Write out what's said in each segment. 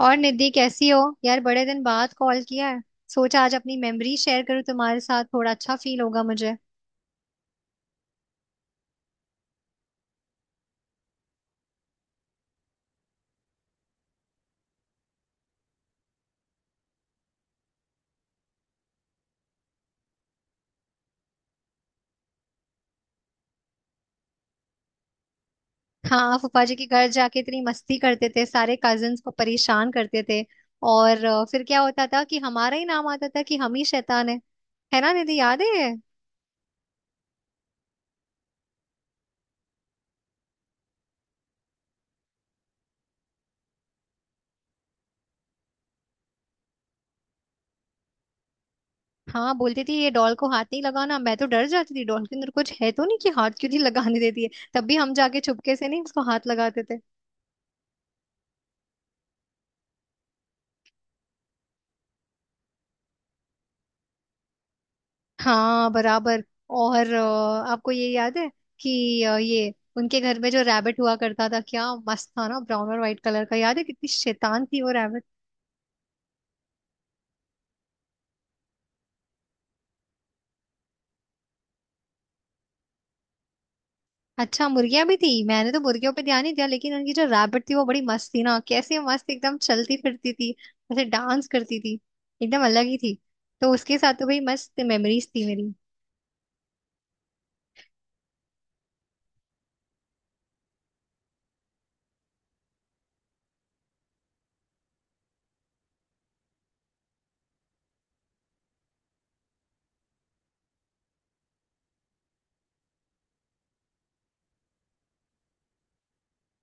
और निधि कैसी हो यार, बड़े दिन बाद कॉल किया है। सोचा आज अपनी मेमोरी शेयर करूं तुम्हारे साथ, थोड़ा अच्छा फील होगा मुझे। हाँ, फूफा जी के घर जाके इतनी मस्ती करते थे, सारे कजिन्स को परेशान करते थे। और फिर क्या होता था कि हमारा ही नाम आता था कि हम ही शैतान है। है ना निधि, याद है ये? हाँ, बोलती थी ये डॉल को हाथ नहीं लगाना। मैं तो डर जाती थी, डॉल के अंदर कुछ है तो नहीं कि हाथ क्यों नहीं लगाने देती है। तब भी हम जाके चुपके से नहीं उसको हाथ लगाते थे। हाँ बराबर। और आपको ये याद है कि ये उनके घर में जो रैबिट हुआ करता था, क्या मस्त था ना, ब्राउन और व्हाइट कलर का। याद है कितनी शैतान थी वो रैबिट। अच्छा, मुर्गियां भी थी? मैंने तो मुर्गियों पे ध्यान नहीं दिया, लेकिन उनकी जो रैबिट थी वो बड़ी मस्त थी ना। कैसे मस्त, एकदम चलती फिरती थी। ऐसे डांस करती थी। एकदम अलग ही थी। तो उसके साथ तो भाई मस्त मेमोरीज थी मेरी।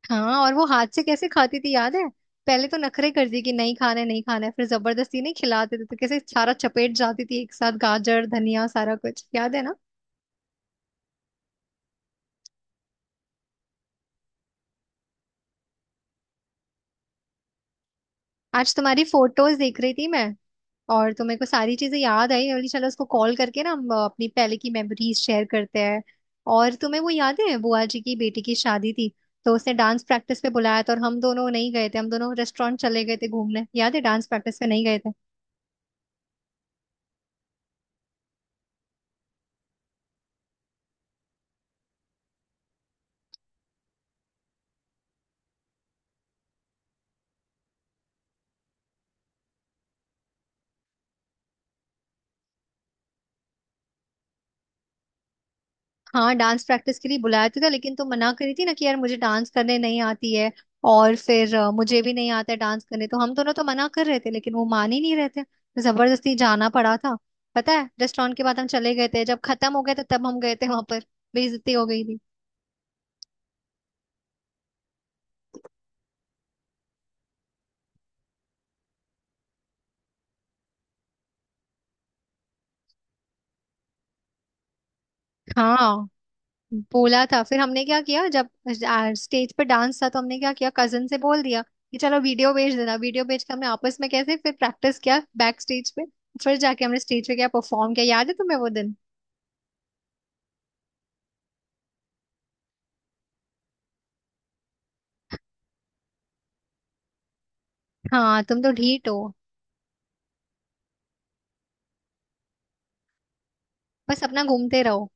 हाँ, और वो हाथ से कैसे खाती थी, याद है? पहले तो नखरे करती कि नहीं खाना है नहीं खाना है, फिर जबरदस्ती नहीं खिलाते थे तो कैसे सारा चपेट जाती थी एक साथ, गाजर धनिया सारा कुछ। याद है ना। आज तुम्हारी फोटोज देख रही थी मैं, और तो मेरे को सारी चीजें याद आई। मैं बोली चलो उसको कॉल करके ना, हम अपनी पहले की मेमोरीज शेयर करते हैं। और तुम्हें वो याद है बुआ जी की बेटी की शादी थी? तो उसने डांस प्रैक्टिस पे बुलाया था और हम दोनों नहीं गए थे, हम दोनों रेस्टोरेंट चले गए थे घूमने। याद है, डांस प्रैक्टिस पे नहीं गए थे। हाँ, डांस प्रैक्टिस के लिए बुलाया तो था, लेकिन तुम मना करी थी ना कि यार मुझे डांस करने नहीं आती है। और फिर मुझे भी नहीं आता है डांस करने, तो हम दोनों तो मना कर रहे थे, लेकिन वो मान ही नहीं रहे थे तो जबरदस्ती जाना पड़ा था। पता है, रेस्टोरेंट के बाद हम चले गए थे, जब खत्म हो गए थे तब हम गए थे वहां पर। बेइज्जती हो गई थी। हाँ, बोला था। फिर हमने क्या किया, जब स्टेज पे डांस था तो हमने क्या किया, कजन से बोल दिया कि चलो वीडियो भेज देना। वीडियो भेज के हमने आपस में कैसे फिर प्रैक्टिस किया बैक स्टेज पे। फिर जाके हमने स्टेज पे क्या परफॉर्म किया, याद है तुम्हें वो दिन? हाँ, तुम तो ढीठ हो। बस अपना घूमते रहो।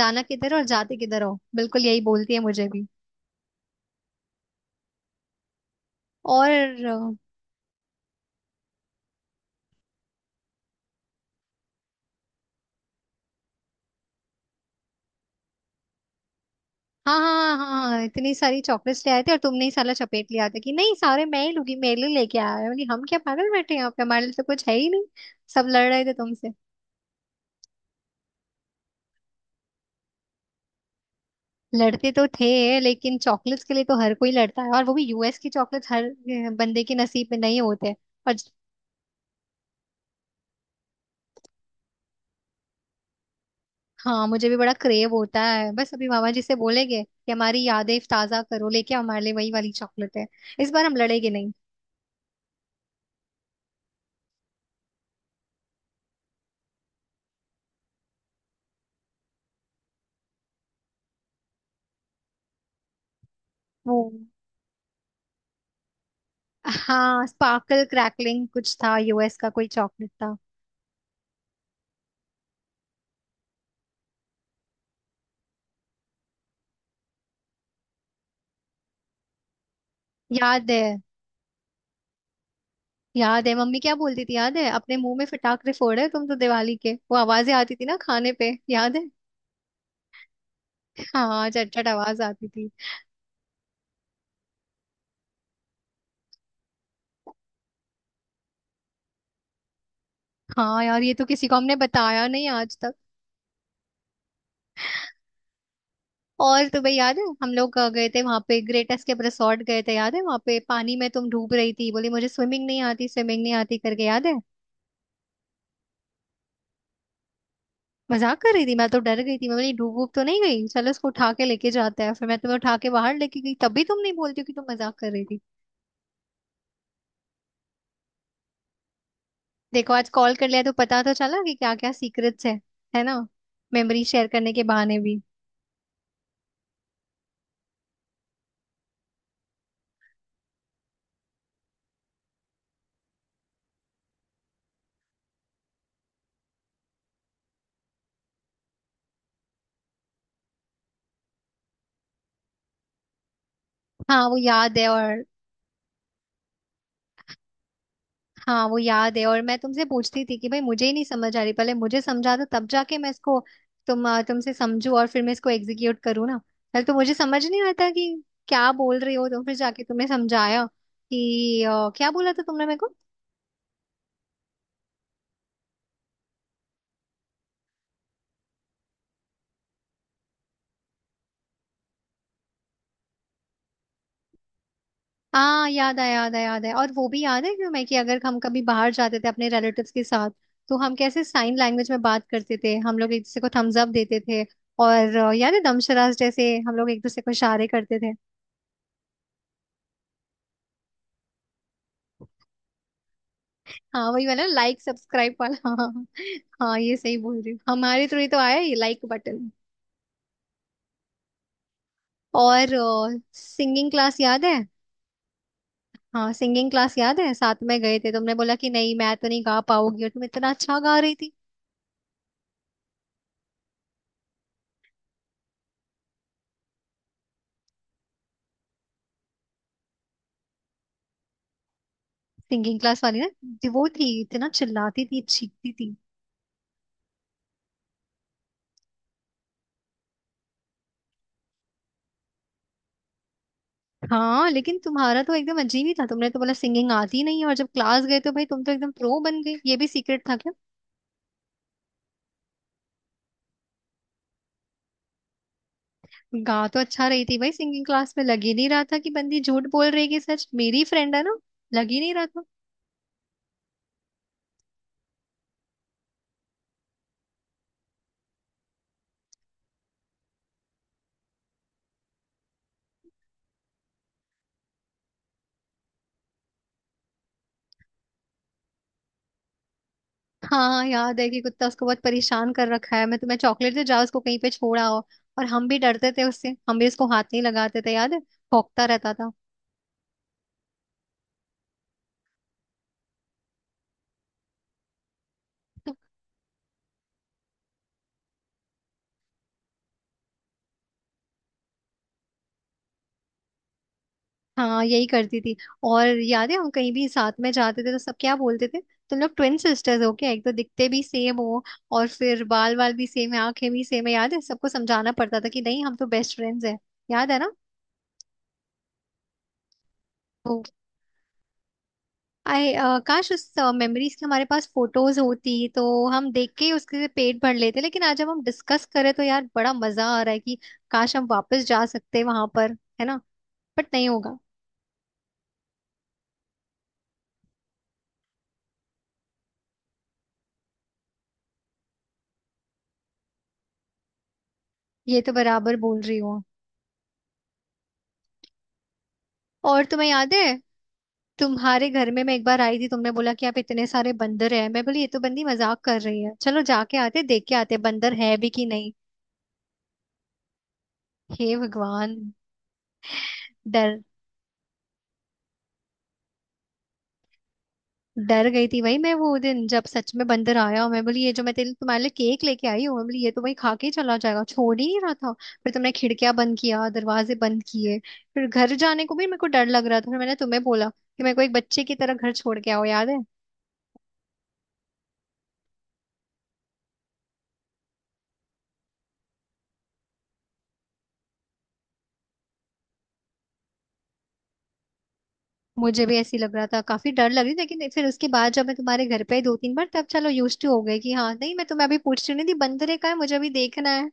जाना किधर और जाते किधर हो, बिल्कुल यही बोलती है मुझे भी। और हाँ हाँ हाँ हाँ, इतनी सारी चॉकलेट्स ले आए थे और तुमने ही साला चपेट लिया था कि नहीं, सारे मैं ही लूंगी, मेरे लिए लेके आया है। बोली हम क्या पागल बैठे हैं यहाँ पे, हमारे लिए तो कुछ है ही नहीं। सब लड़ रहे थे तुमसे। लड़ते तो थे, लेकिन चॉकलेट्स के लिए तो हर कोई लड़ता है। और वो भी यूएस की चॉकलेट्स, हर बंदे के नसीब में नहीं होते। और हाँ, मुझे भी बड़ा क्रेव होता है। बस अभी मामा जी से बोलेंगे कि हमारी यादें ताजा करो, लेके आओ हमारे लिए वही वाली चॉकलेट है। इस बार हम लड़ेंगे नहीं। वो हाँ, स्पार्कल क्रैकलिंग कुछ था, यूएस का कोई चॉकलेट था। याद है, याद है मम्मी क्या बोलती थी, याद है? अपने मुंह में फटाकरे फोड़े तुम तो, दिवाली के। वो आवाजें आती थी ना खाने पे, याद है? हाँ, चटचट आवाज आती थी। हाँ यार, ये तो किसी को हमने बताया नहीं आज। और तुम्हें याद है, हम लोग गए थे वहां पे, ग्रेट एस्केप रिसोर्ट गए थे। याद है वहां पे पानी में तुम डूब रही थी, बोली मुझे स्विमिंग नहीं आती करके, याद है? मजाक कर रही थी, मैं तो डर गई थी। मैं बोली डूब डूब तो नहीं गई, चलो इसको उठा के लेके जाते हैं। फिर मैं तुम्हें उठा के बाहर लेके गई, तब भी तुम नहीं बोलती हो कि तुम मजाक कर रही थी। देखो, आज कॉल कर लिया तो पता तो चला कि क्या क्या सीक्रेट्स है। है ना? मेमोरी शेयर करने के बहाने भी। हाँ वो याद है। और हाँ वो याद है, और मैं तुमसे पूछती थी कि भाई मुझे ही नहीं समझ आ रही, पहले मुझे समझा दो तब जाके मैं इसको तुमसे समझू, और फिर मैं इसको एग्जीक्यूट करूँ ना। पहले तो मुझे समझ नहीं आता कि क्या बोल रही हो, तो फिर जाके तुमने समझाया कि क्या बोला था तुमने मेरे को। हाँ, याद आया याद आया याद आया। और वो भी याद है क्यों मैं, कि अगर हम कभी बाहर जाते थे अपने रिलेटिव्स के साथ तो हम कैसे साइन लैंग्वेज में बात करते थे। हम लोग एक दूसरे को थम्स अप देते थे। और याद है, दमशरास जैसे हम लोग एक दूसरे को इशारे करते थे। हाँ वही वाला, लाइक सब्सक्राइब वाला, हाँ। हाँ, ये सही बोल रही हूँ, हमारे थ्रू ही तो आया ये लाइक बटन। और सिंगिंग क्लास याद है? हाँ सिंगिंग क्लास याद है, साथ में गए थे। तुमने बोला कि नहीं मैं तो नहीं गा पाऊंगी, और तुम इतना अच्छा गा रही थी। सिंगिंग क्लास वाली ना, जो वो थी, इतना चिल्लाती थी चीखती थी। हाँ, लेकिन तुम्हारा तो एकदम अजीब ही था, तुमने तो बोला सिंगिंग आती नहीं है, और जब क्लास गए तो भाई तुम तो एकदम प्रो बन गई। ये भी सीक्रेट था। गा तो अच्छा रही थी भाई, सिंगिंग क्लास में लग ही नहीं रहा था कि बंदी झूठ बोल रही है। कि सच मेरी फ्रेंड है ना, लग ही नहीं रहा था। हाँ, याद है, कि कुत्ता, उसको बहुत परेशान कर रखा है। मैं तुम्हें चॉकलेट दे जाओ उसको कहीं पे छोड़ा हो। और हम भी डरते थे उससे, हम भी उसको हाथ नहीं लगाते थे, याद है। भौंकता रहता था। हाँ, यही करती थी। और याद है हम कहीं भी साथ में जाते थे तो सब क्या बोलते थे, तुम लोग ट्विन सिस्टर्स हो क्या, एक तो दिखते भी सेम हो। और फिर बाल बाल भी सेम है, आंखें भी सेम है। याद है सबको समझाना पड़ता था कि नहीं हम तो बेस्ट फ्रेंड्स हैं। याद है ना? तो आई काश उस मेमोरीज की हमारे पास फोटोज होती तो हम देख के ही उसके पेट भर लेते। लेकिन आज जब हम डिस्कस करें तो यार बड़ा मजा आ रहा है कि काश हम वापस जा सकते वहां पर। है ना? बट नहीं होगा। ये तो बराबर बोल रही हूँ। और तुम्हें याद है, तुम्हारे घर में मैं एक बार आई थी, तुमने बोला कि आप इतने सारे बंदर हैं। मैं बोली ये तो बंदी मजाक कर रही है, चलो जाके आते देख के आते बंदर है भी कि नहीं। हे भगवान। डर डर गई थी वही मैं वो दिन, जब सच में बंदर आया। और मैं बोली ये जो मैं तेरे तुम्हारे लिए केक लेके आई हूँ, मैं बोली ये तो वही खा के ही चला जाएगा, छोड़ ही नहीं रहा था। फिर तुमने खिड़कियां बंद किया, दरवाजे बंद किए। फिर घर जाने को भी मेरे को डर लग रहा था, फिर मैंने तुम्हें बोला कि मेरे को एक बच्चे की तरह घर छोड़ के आओ, याद है? मुझे भी ऐसी लग रहा था, काफी डर लग रही थी। लेकिन फिर उसके बाद जब मैं तुम्हारे घर पे आई दो तीन बार तब चलो यूज टू हो गई। कि हाँ, नहीं मैं तुम्हें अभी पूछ रही नहीं थी बंदर है का है, मुझे अभी देखना है।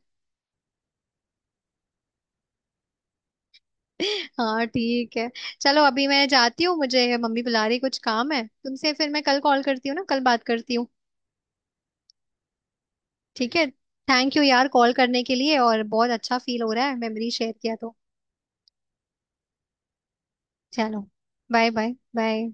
हाँ ठीक है। चलो अभी मैं जाती हूँ, मुझे मम्मी बुला रही, कुछ काम है तुमसे। फिर मैं कल कॉल करती हूँ ना, कल बात करती हूँ। ठीक है। थैंक यू यार कॉल करने के लिए, और बहुत अच्छा फील हो रहा है, मेमोरी शेयर किया तो। चलो, बाय बाय बाय।